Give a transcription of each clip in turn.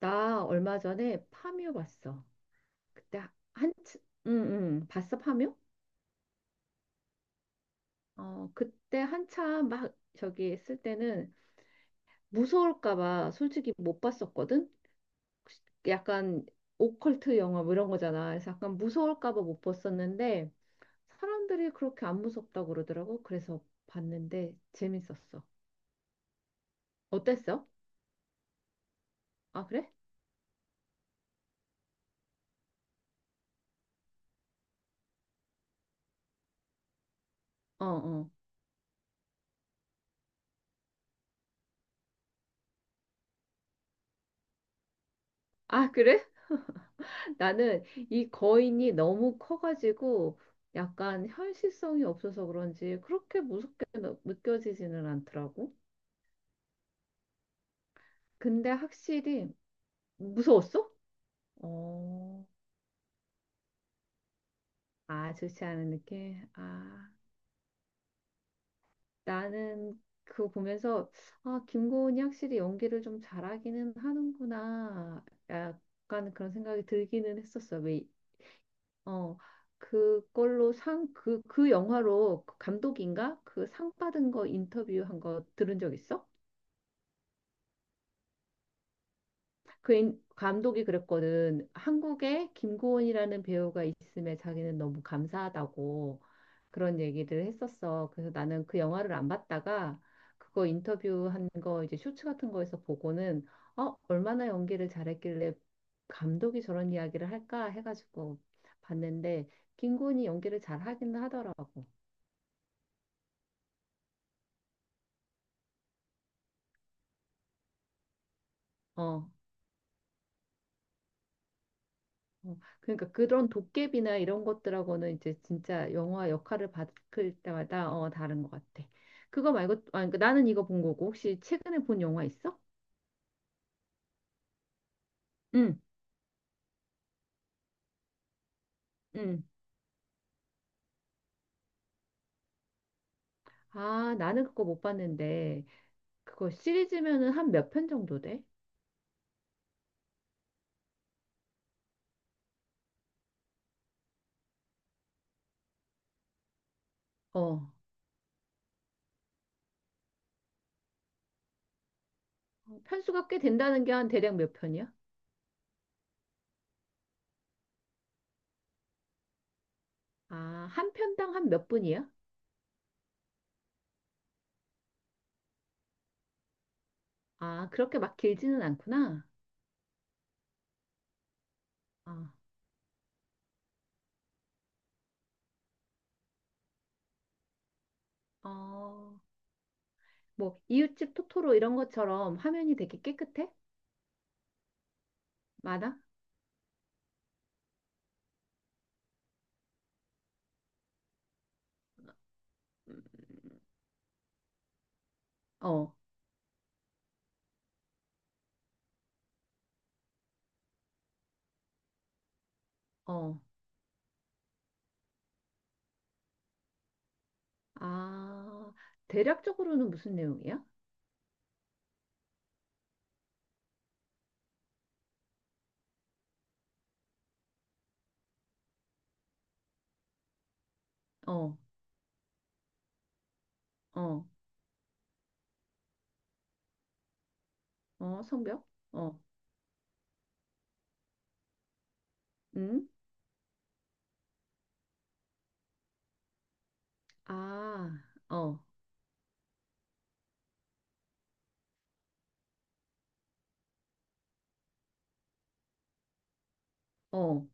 나 얼마 전에 파묘 봤어. 그때 한, 응, 응, 봤어, 파묘? 어, 그때 한참 막 저기 했을 때는 무서울까 봐 솔직히 못 봤었거든? 약간 오컬트 영화 뭐 이런 거잖아. 그래서 약간 무서울까 봐 못 봤었는데 사람들이 그렇게 안 무섭다고 그러더라고. 그래서 봤는데 재밌었어. 어땠어? 아, 그래? 어, 어. 아, 그래? 나는 이 거인이 너무 커가지고 약간 현실성이 없어서 그런지 그렇게 무섭게 느껴지지는 않더라고. 근데 확실히 무서웠어? 어, 아, 좋지 않은 느낌? 아, 나는 그거 보면서 아, 김고은이 확실히 연기를 좀 잘하기는 하는구나. 약간 그런 생각이 들기는 했었어. 왜 어, 그걸로 그 영화로 그 감독인가? 그 상 받은 거 인터뷰한 거 들은 적 있어? 그 감독이 그랬거든. 한국에 김고은이라는 배우가 있음에 자기는 너무 감사하다고 그런 얘기를 했었어. 그래서 나는 그 영화를 안 봤다가 그거 인터뷰한 거 이제 쇼츠 같은 거에서 보고는 어, 얼마나 연기를 잘했길래 감독이 저런 이야기를 할까 해가지고 봤는데 김고은이 연기를 잘 하긴 하더라고. 어, 어, 그러니까 그런 도깨비나 이런 것들하고는 이제 진짜 영화 역할을 받을 때마다 어, 다른 것 같아. 그거 말고 아, 그러니까 나는 이거 본 거고 혹시 최근에 본 영화 있어? 응, 응. 아, 나는 그거 못 봤는데 그거 시리즈면은 한 몇 편 정도 돼? 어, 편수가 꽤 된다는 게 한 대략 몇 편이야? 아, 한 편당 한 몇 분이야? 아, 그렇게 막 길지는 않구나. 아, 어, 뭐 이웃집 토토로 이런 것처럼 화면이 되게 깨끗해? 많아? 음, 어. 어. 아, 대략적으로는 무슨 내용이야? 어, 어, 어, 성벽? 어, 응? 아, 어, 어,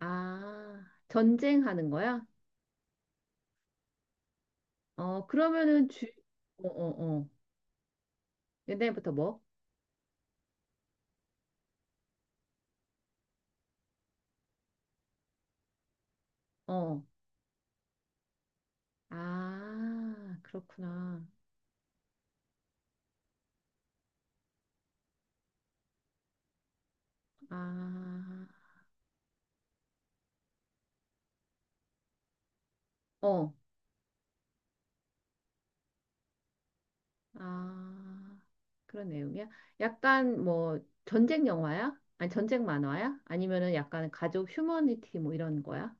아, 전쟁하는 거야? 어, 어, 어, 어. 옛날부터 뭐? 어, 아, 그렇구나. 아, 어, 아, 그런 내용이야? 약간 뭐, 전쟁 영화야? 아니, 전쟁 만화야? 아니면은 약간 가족 휴머니티 뭐 이런 거야?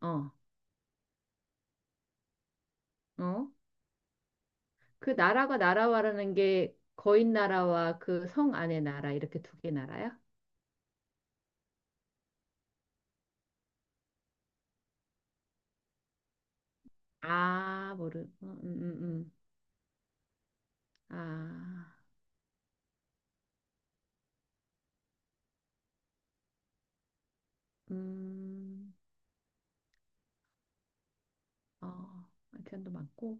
어. 어? 그 나라가 나라와라는 게 거인 나라와 그 성 안의 나라 이렇게 두 개 나라야? 아, 모르. 음. 아. 음. 어. 아이템도 많고.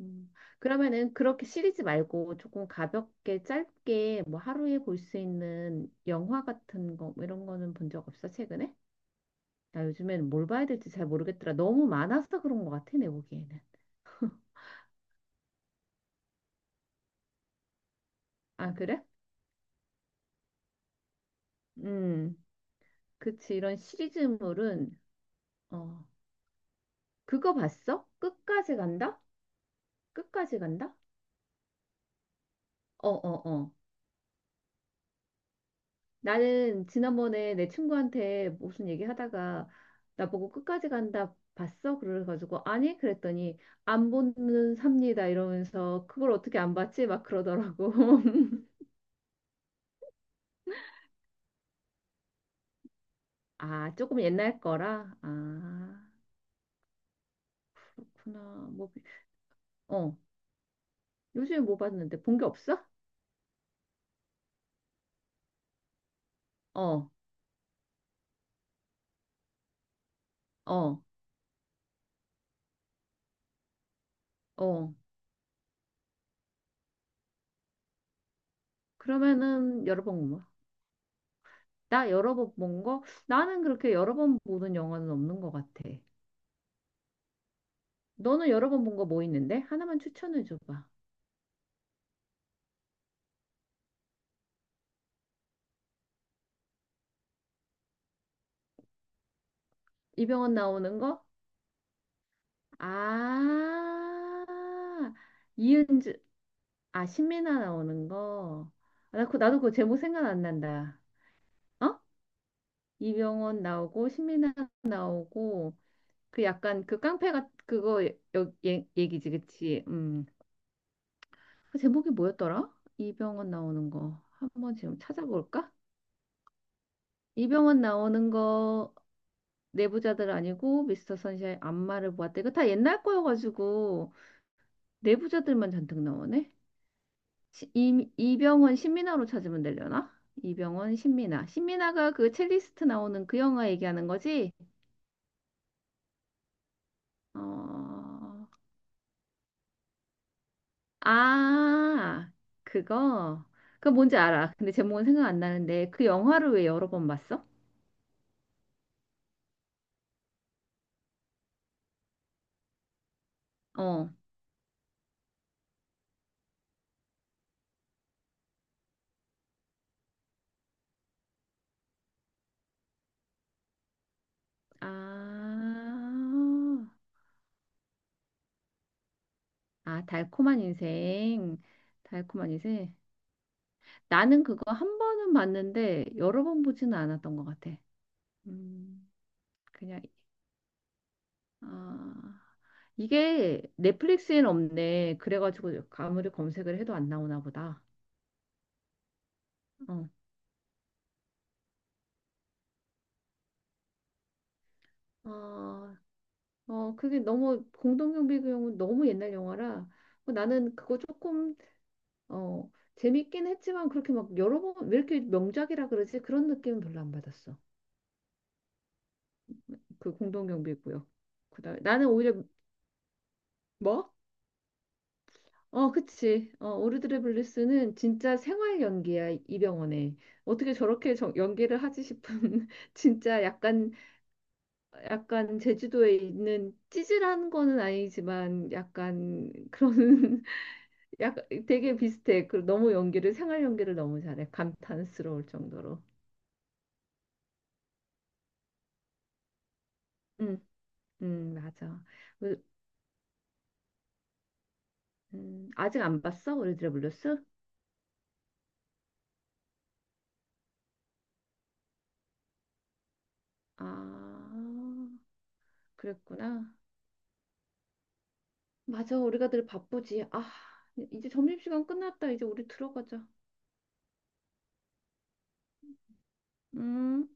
음. 그러면은 그렇게 시리즈 말고 조금 가볍게 짧게 뭐 하루에 볼 수 있는 영화 같은 거뭐 이런 거는 본 적 없어, 최근에? 나 요즘엔 뭘 봐야 될지 잘 모르겠더라. 너무 많아서 그런 것 같아, 내 보기에는. 아, 그래? 음. 그치. 이런 시리즈물은 어, 그거 봤어? 끝까지 간다? 끝까지 간다? 어, 어, 어. 나는 지난번에 내 친구한테 무슨 얘기 하다가 나보고 끝까지 간다 봤어? 그래가지고 아니? 그랬더니 안 보는 삽니다 이러면서 그걸 어떻게 안 봤지? 막 그러더라고. 아, 조금 옛날 거라? 아, 그렇구나. 뭐, 어. 요즘에 뭐 봤는데 본 게 없어? 어, 어, 어. 그러면은 여러 번 나 여러 번 본 거? 나는 그렇게 여러 번 보는 영화는 없는 것 같아. 너는 여러 번 본 거 뭐 있는데? 하나만 추천해 줘봐. 이병헌 나오는 거? 아, 이은주, 아, 신민아 나오는 거. 나도 그 제목 생각 안 난다. 어? 이병헌 나오고, 신민아 나오고, 그 약간 그 깡패가 그거 얘기지, 그치? 음. 그 제목이 뭐였더라? 이병헌 나오는 거. 한번 지금 찾아볼까? 이병헌 나오는 거 내부자들 아니고 미스터 선샤인 안마를 보았다. 이거 다 옛날 거여가지고 내부자들만 잔뜩 나오네. 이병헌 신민아로 찾으면 되려나? 이병헌 신민아. 신민아가 그 첼리스트 나오는 그 영화 얘기하는 거지? 어... 아, 그거. 그거 뭔지 알아. 근데 제목은 생각 안 나는데 그 영화를 왜 여러 번 봤어? 어. 아, 아, 달콤한 인생. 달콤한 인생. 나는 그거 한 번은 봤는데 여러 번 보지는 않았던 것 같아. 음, 그냥 아 이게 넷플릭스엔 없네. 그래가지고 아무리 검색을 해도 안 나오나 보다. 어, 어, 어 그게 너무 공동경비 그 영화 너무 옛날 영화라 뭐 나는 그거 조금 어 재밌긴 했지만 그렇게 막 여러 번 왜 이렇게 명작이라 그러지? 그런 느낌은 별로 안 받았어. 그 공동경비고요. 그다음 나는 오히려 뭐? 어, 그치. 어, 오르드레 블리스는 진짜 생활 연기야, 이병헌에. 어떻게 저렇게 연기를 하지 싶은, 진짜 약간, 약간 제주도에 있는 찌질한 거는 아니지만, 약간 그런, 약간 되게 비슷해. 그 너무 연기를, 생활 연기를 너무 잘해. 감탄스러울 정도로. 응, 응, 맞아. 그, 아직 안 봤어? 오르드레 블리스? 아, 그랬구나. 맞아, 우리가 늘 바쁘지. 아, 이제 점심시간 끝났다. 이제 우리 들어가자. 음.